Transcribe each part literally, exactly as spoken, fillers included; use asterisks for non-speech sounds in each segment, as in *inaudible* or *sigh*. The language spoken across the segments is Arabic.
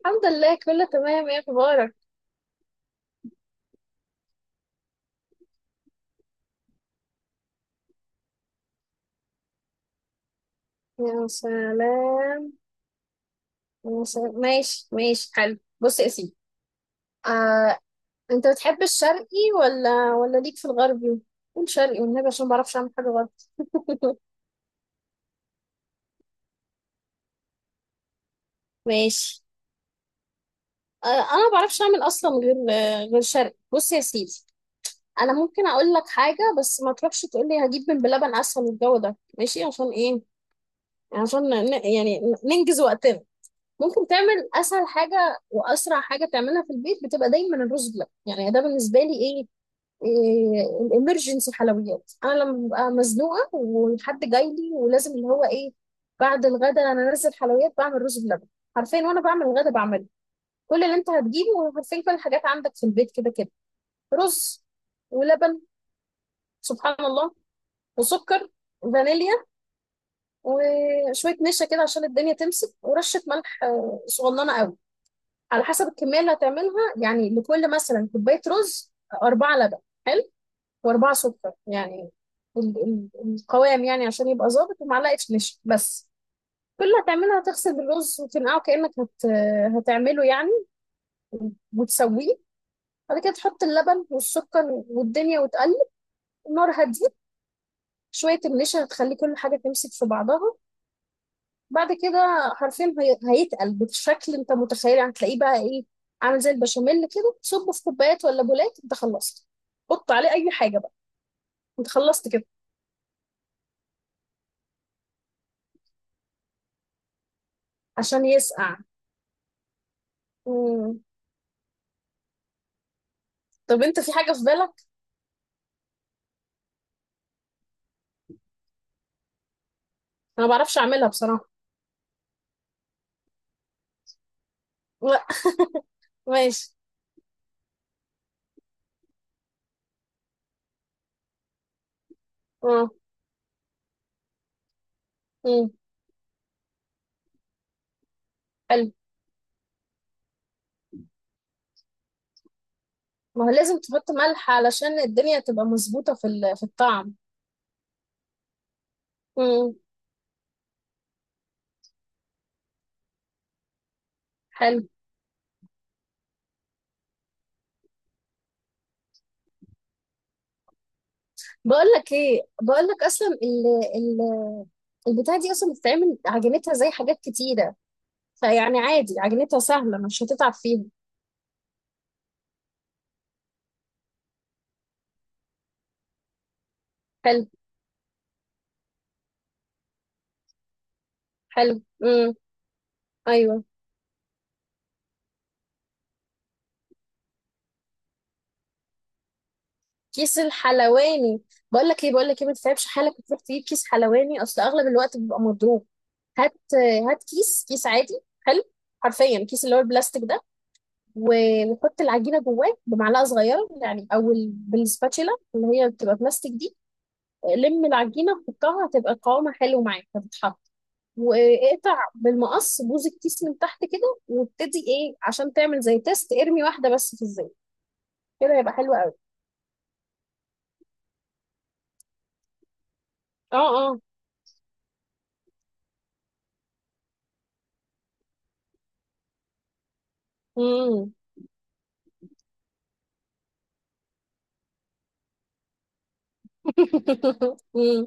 الحمد لله، كله تمام. ايه اخبارك؟ يا سلام. يا سلام، ماشي ماشي. حلو، بص يا سيدي. آه، انت بتحب الشرقي ولا ولا ليك في الغربي؟ قول شرقي والنبي عشان ما بعرفش اعمل حاجه غلط. ماشي. آه، انا ما بعرفش اعمل اصلا غير آه، غير شرقي. بص يا سيدي، انا ممكن اقول لك حاجه بس ما تروحش تقول لي هجيب من بلبن اسهل. الجو ده ماشي عشان ايه؟ عشان ن- يعني ننجز وقتنا. ممكن تعمل اسهل حاجه واسرع حاجه تعملها في البيت بتبقى دايما الرز بلبن، يعني ده بالنسبه لي ايه؟ إيه الامرجنسي حلويات انا لما ببقى مزنوقه وحد جاي لي ولازم اللي هو ايه. بعد الغدا انا انزل حلويات، بعمل رز بلبن حرفيا وانا بعمل الغدا بعمله. كل اللي انت هتجيبه حرفيا كل الحاجات عندك في البيت كده كده. رز ولبن، سبحان الله، وسكر، فانيليا، وشويه نشا كده عشان الدنيا تمسك، ورشه ملح آه، صغننه قوي. على حسب الكمية اللي هتعملها، يعني لكل مثلا كوباية رز أربعة لبن، حلو، وأربعة سكر، يعني ال- ال- القوام يعني عشان يبقى ظابط، ومعلقة نشا بس. كل اللي هتعملها هتغسل الرز وتنقعه كأنك هت... هتعمله يعني وتسويه. بعد كده تحط اللبن والسكر والدنيا وتقلب. النار هتزيد، شوية النشا هتخلي كل حاجة تمسك في بعضها. بعد كده حرفيا هي- هيتقل بالشكل انت متخيل، يعني هتلاقيه بقى ايه، عامل زي البشاميل كده. تصبه في كوبايات ولا بولات، انت خلصت. حط عليه اي حاجه بقى، انت خلصت كده. عشان يسقع. مم. طب انت في حاجه في بالك؟ انا ما بعرفش اعملها بصراحه. لا، ماشي. اه. مم. حلو. ما هو لازم تحط ملح علشان الدنيا تبقى مظبوطه في ال- في الطعم. مم. حلو. بقول لك ايه، بقول لك اصلا ال- ال- البتاعه دي اصلا بتتعمل عجينتها زي حاجات كتيره، فيعني عادي عجينتها سهلة، مش هتتعب فيها. حلو. حلو. امم. ايوه. كيس الحلواني. بقول لك ايه، بقول لك ايه ما تتعبش حالك وتروح تجيب كيس حلواني، اصل اغلب الوقت بيبقى مضروب. هات هات كيس، كيس عادي. حلو. حرفيا كيس اللي هو البلاستيك ده، و- وحط العجينه جواه بمعلقه صغيره يعني او ال- بالسباتشيلا اللي هي بتبقى بلاستيك دي. لم العجينه، حطها، هتبقى قوامها حلو معاك، هتتحط. واقطع بالمقص بوز الكيس من تحت كده وابتدي ايه، عشان تعمل زي تيست ارمي واحده بس في الزيت، كده يبقى حلو قوي. اه اه. مم. *laughs* مم.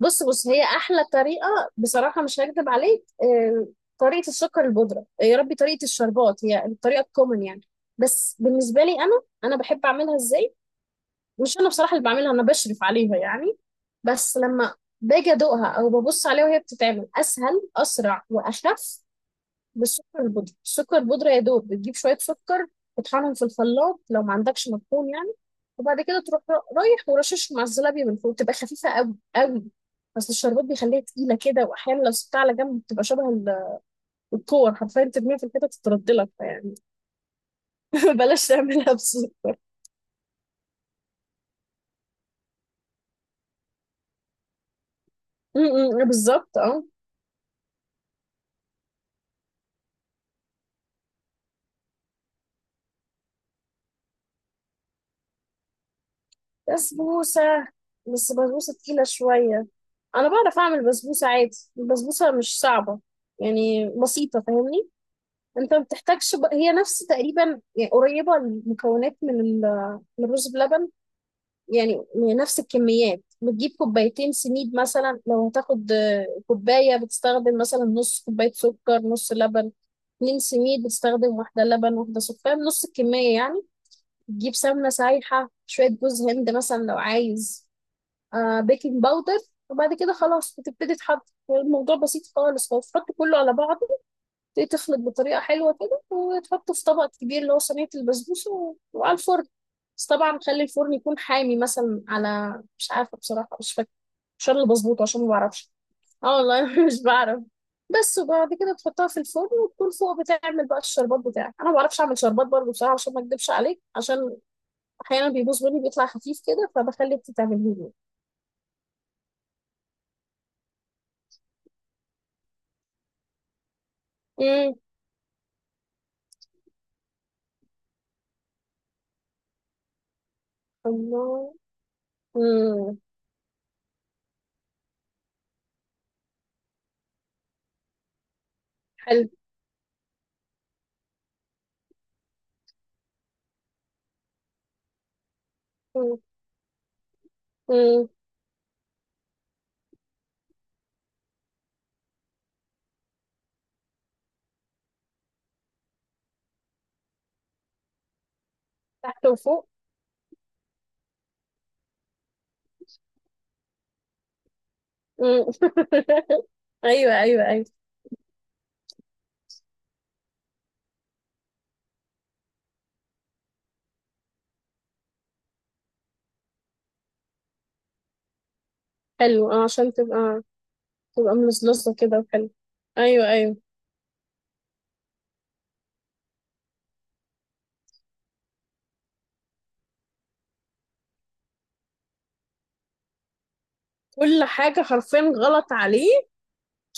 بص بص، هي احلى طريقه بصراحه، مش هكدب عليك. آه، طريقه السكر البودره. آه، يا ربي، طريقه الشربات هي الطريقه الكومن يعني. بس بالنسبه لي انا، انا بحب اعملها ازاي؟ مش انا بصراحه اللي بعملها، انا بشرف عليها يعني، بس لما باجي ادوقها او ببص عليها وهي بتتعمل اسهل اسرع واخف. بالسكر البودرة. السكر البودرة يا دوب بتجيب شوية سكر، تطحنهم في الخلاط لو ما عندكش مطحون يعني، وبعد كده تروح ر- رايح ورشش مع الزلابية من فوق، تبقى خفيفة قوي قوي. بس الشربات بيخليها تقيلة كده، وأحيانا لو سبتها على جنب بتبقى شبه ال- الكور حرفيا، ترميها في الحتة تتردلك فيعني. *laughs* بلاش تعملها بسكر. م- م- بالظبط، اه. بسبوسة. بس بسبوسة تقيلة شوية. أنا بعرف أعمل بسبوسة عادي، البسبوسة مش صعبة، يعني بسيطة، فاهمني؟ انت ما بتحتاجش بق- هي نفس تقريبا يعني، قريبه المكونات من ال- من الرز بلبن. يعني نفس الكميات. بتجيب كوبايتين سميد مثلا، لو هتاخد آه، كوبايه بتستخدم مثلا نص كوبايه سكر، نص لبن. اتنين سميد بتستخدم واحده لبن واحده سكر، نص الكميه يعني. تجيب سمنه سايحه، شويه جوز هند مثلا لو عايز، آه، بيكنج باودر، وبعد كده خلاص بتبتدي تحط. الموضوع بسيط خالص، هو تحط كله على بعضه، تبتدي تخلط بطريقة حلوة كده وتحطه في طبق كبير اللي هو صينية البسبوسة و- وعلى الفرن. بس طبعا خلي الفرن يكون حامي مثلا على مش عارفة بصراحة، مش فاكرة. مش أنا اللي بظبطه عشان ما بعرفش. اه والله، *laughs* أنا مش بعرف. بس وبعد كده تحطها في الفرن وتكون فوق. بتعمل بقى الشربات بتاعك، انا ما بعرفش اعمل شربات برضه بصراحه، عشان ما اكدبش عليك، عشان احيانا بيبوظ مني، بيطلع خفيف كده، فبخلي انت تعمليه لي. امم. الله. امم. حلو. امم. تحت وفوق. مم. *laughs* ايوه ايوه ايوه. حلو اه، عشان تبقى تبقى ملزلزه كده، وحلو. ايوه ايوه. كل حاجه حرفيا غلط عليه،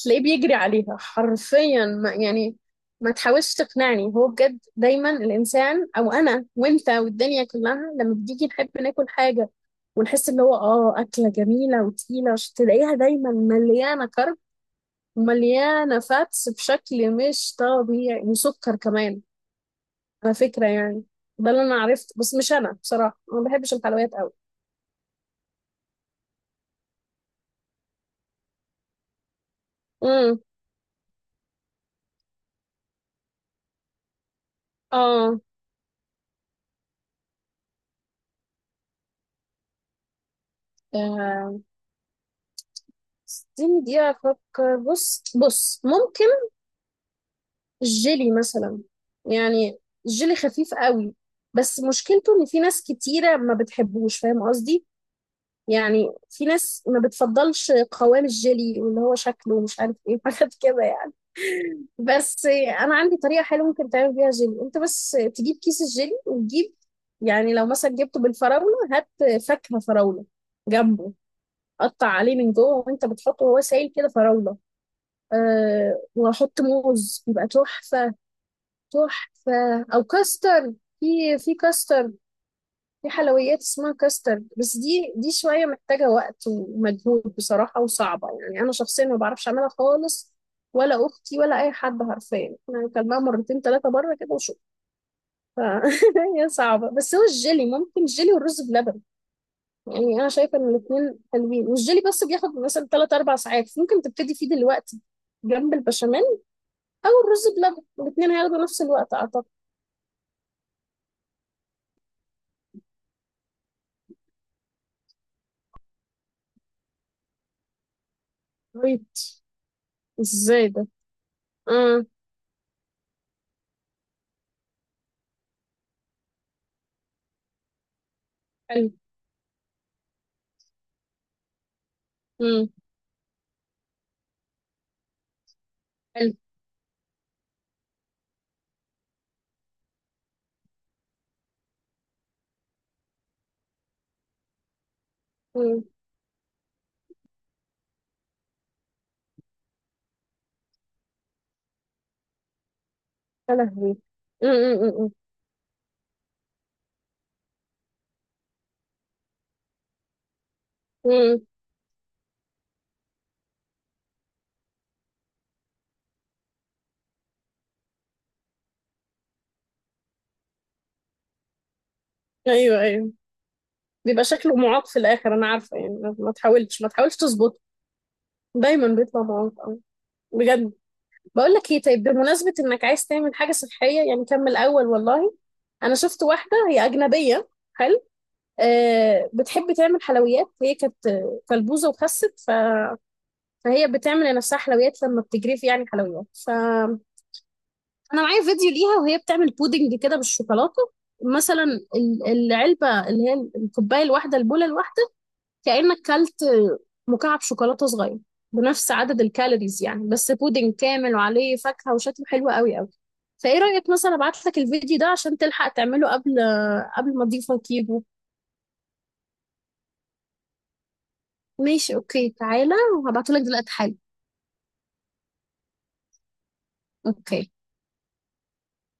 تلاقيه بيجري عليها حرفيا ما يعني. ما تحاولش تقنعني، هو بجد دايما الانسان، او انا وانت والدنيا كلها، لما بتيجي نحب ناكل حاجه ونحس ان هو اه اكله جميله وتقيله، عشان تلاقيها دايما مليانه كرب ومليانه فاتس بشكل مش طبيعي، وسكر كمان على فكرة يعني. ده اللي أنا عرفت، بس مش أنا بصراحة، أنا ما بحبش الحلويات أوي. امم. آه. آه، اديني دقيقة أفكر. بص بص، ممكن الجيلي مثلا، يعني الجيلي خفيف قوي، بس مشكلته إن في ناس كتيرة ما بتحبوش، فاهم قصدي؟ يعني في ناس ما بتفضلش قوام الجيلي واللي هو شكله ومش عارف ايه، *laughs* حاجات كده يعني. بس انا عندي طريقه حلوه ممكن تعمل بيها جيلي، انت بس تجيب كيس الجيلي وتجيب، يعني لو مثلا جبته بالفراوله هات فاكهه فراوله جنبه، قطع عليه من جوه وانت بتحطه وهو سايل كده، فراوله، أه، وحط موز، يبقى تحفه. تحفه او كاستر. في في كاستر، في حلويات اسمها كاسترد، بس دي دي شوية محتاجة وقت ومجهود بصراحة، وصعبة يعني. أنا شخصيا ما بعرفش أعملها خالص، ولا أختي، ولا أي حد. حرفيا أنا أكلناها مرتين ثلاثة بره كده وشو ف... *laughs* هي صعبة. بس هو الجيلي ممكن، جيلي والرز بلبن، يعني أنا شايفة إن الاتنين حلوين. والجيلي بس بياخد مثلا ثلاث أربع ساعات، ممكن تبتدي فيه دلوقتي جنب البشاميل أو الرز بلبن، الاتنين هياخدوا نفس الوقت أعتقد. طيب، إزاي ده؟ آه. حلو. مم. حلو. مم. يا لهوي. م- م- م- م. م. ايوه ايوه. بيبقى شكله معاق في الاخر انا عارفه يعني، ما ما تحاولش ما تحاولش تظبطه، دايما بيطلع معاق أوي. بجد. بقول لك ايه، طيب بمناسبه انك عايز تعمل حاجه صحيه يعني، كمل اول والله. انا شفت واحده هي اجنبيه، حلو، أه، بتحب تعمل حلويات، هي كانت آه، كلبوزه وخست ف... فهي بتعمل لنفسها حلويات لما بتجري في يعني حلويات. انا معايا فيديو ليها وهي بتعمل بودنج كده بالشوكولاته مثلا. ال- العلبه اللي هي الكوبايه الواحده، البوله الواحده، كانك كلت مكعب شوكولاته صغير بنفس عدد الكالوريز يعني، بس بودنج كامل وعليه فاكهه وشكله حلو قوي قوي. فايه رايك مثلا ابعت لك الفيديو ده عشان تلحق تعمله قبل، قبل ما اضيفه كيبو. ماشي، اوكي، تعالى وهبعته لك دلوقتي حالا. اوكي.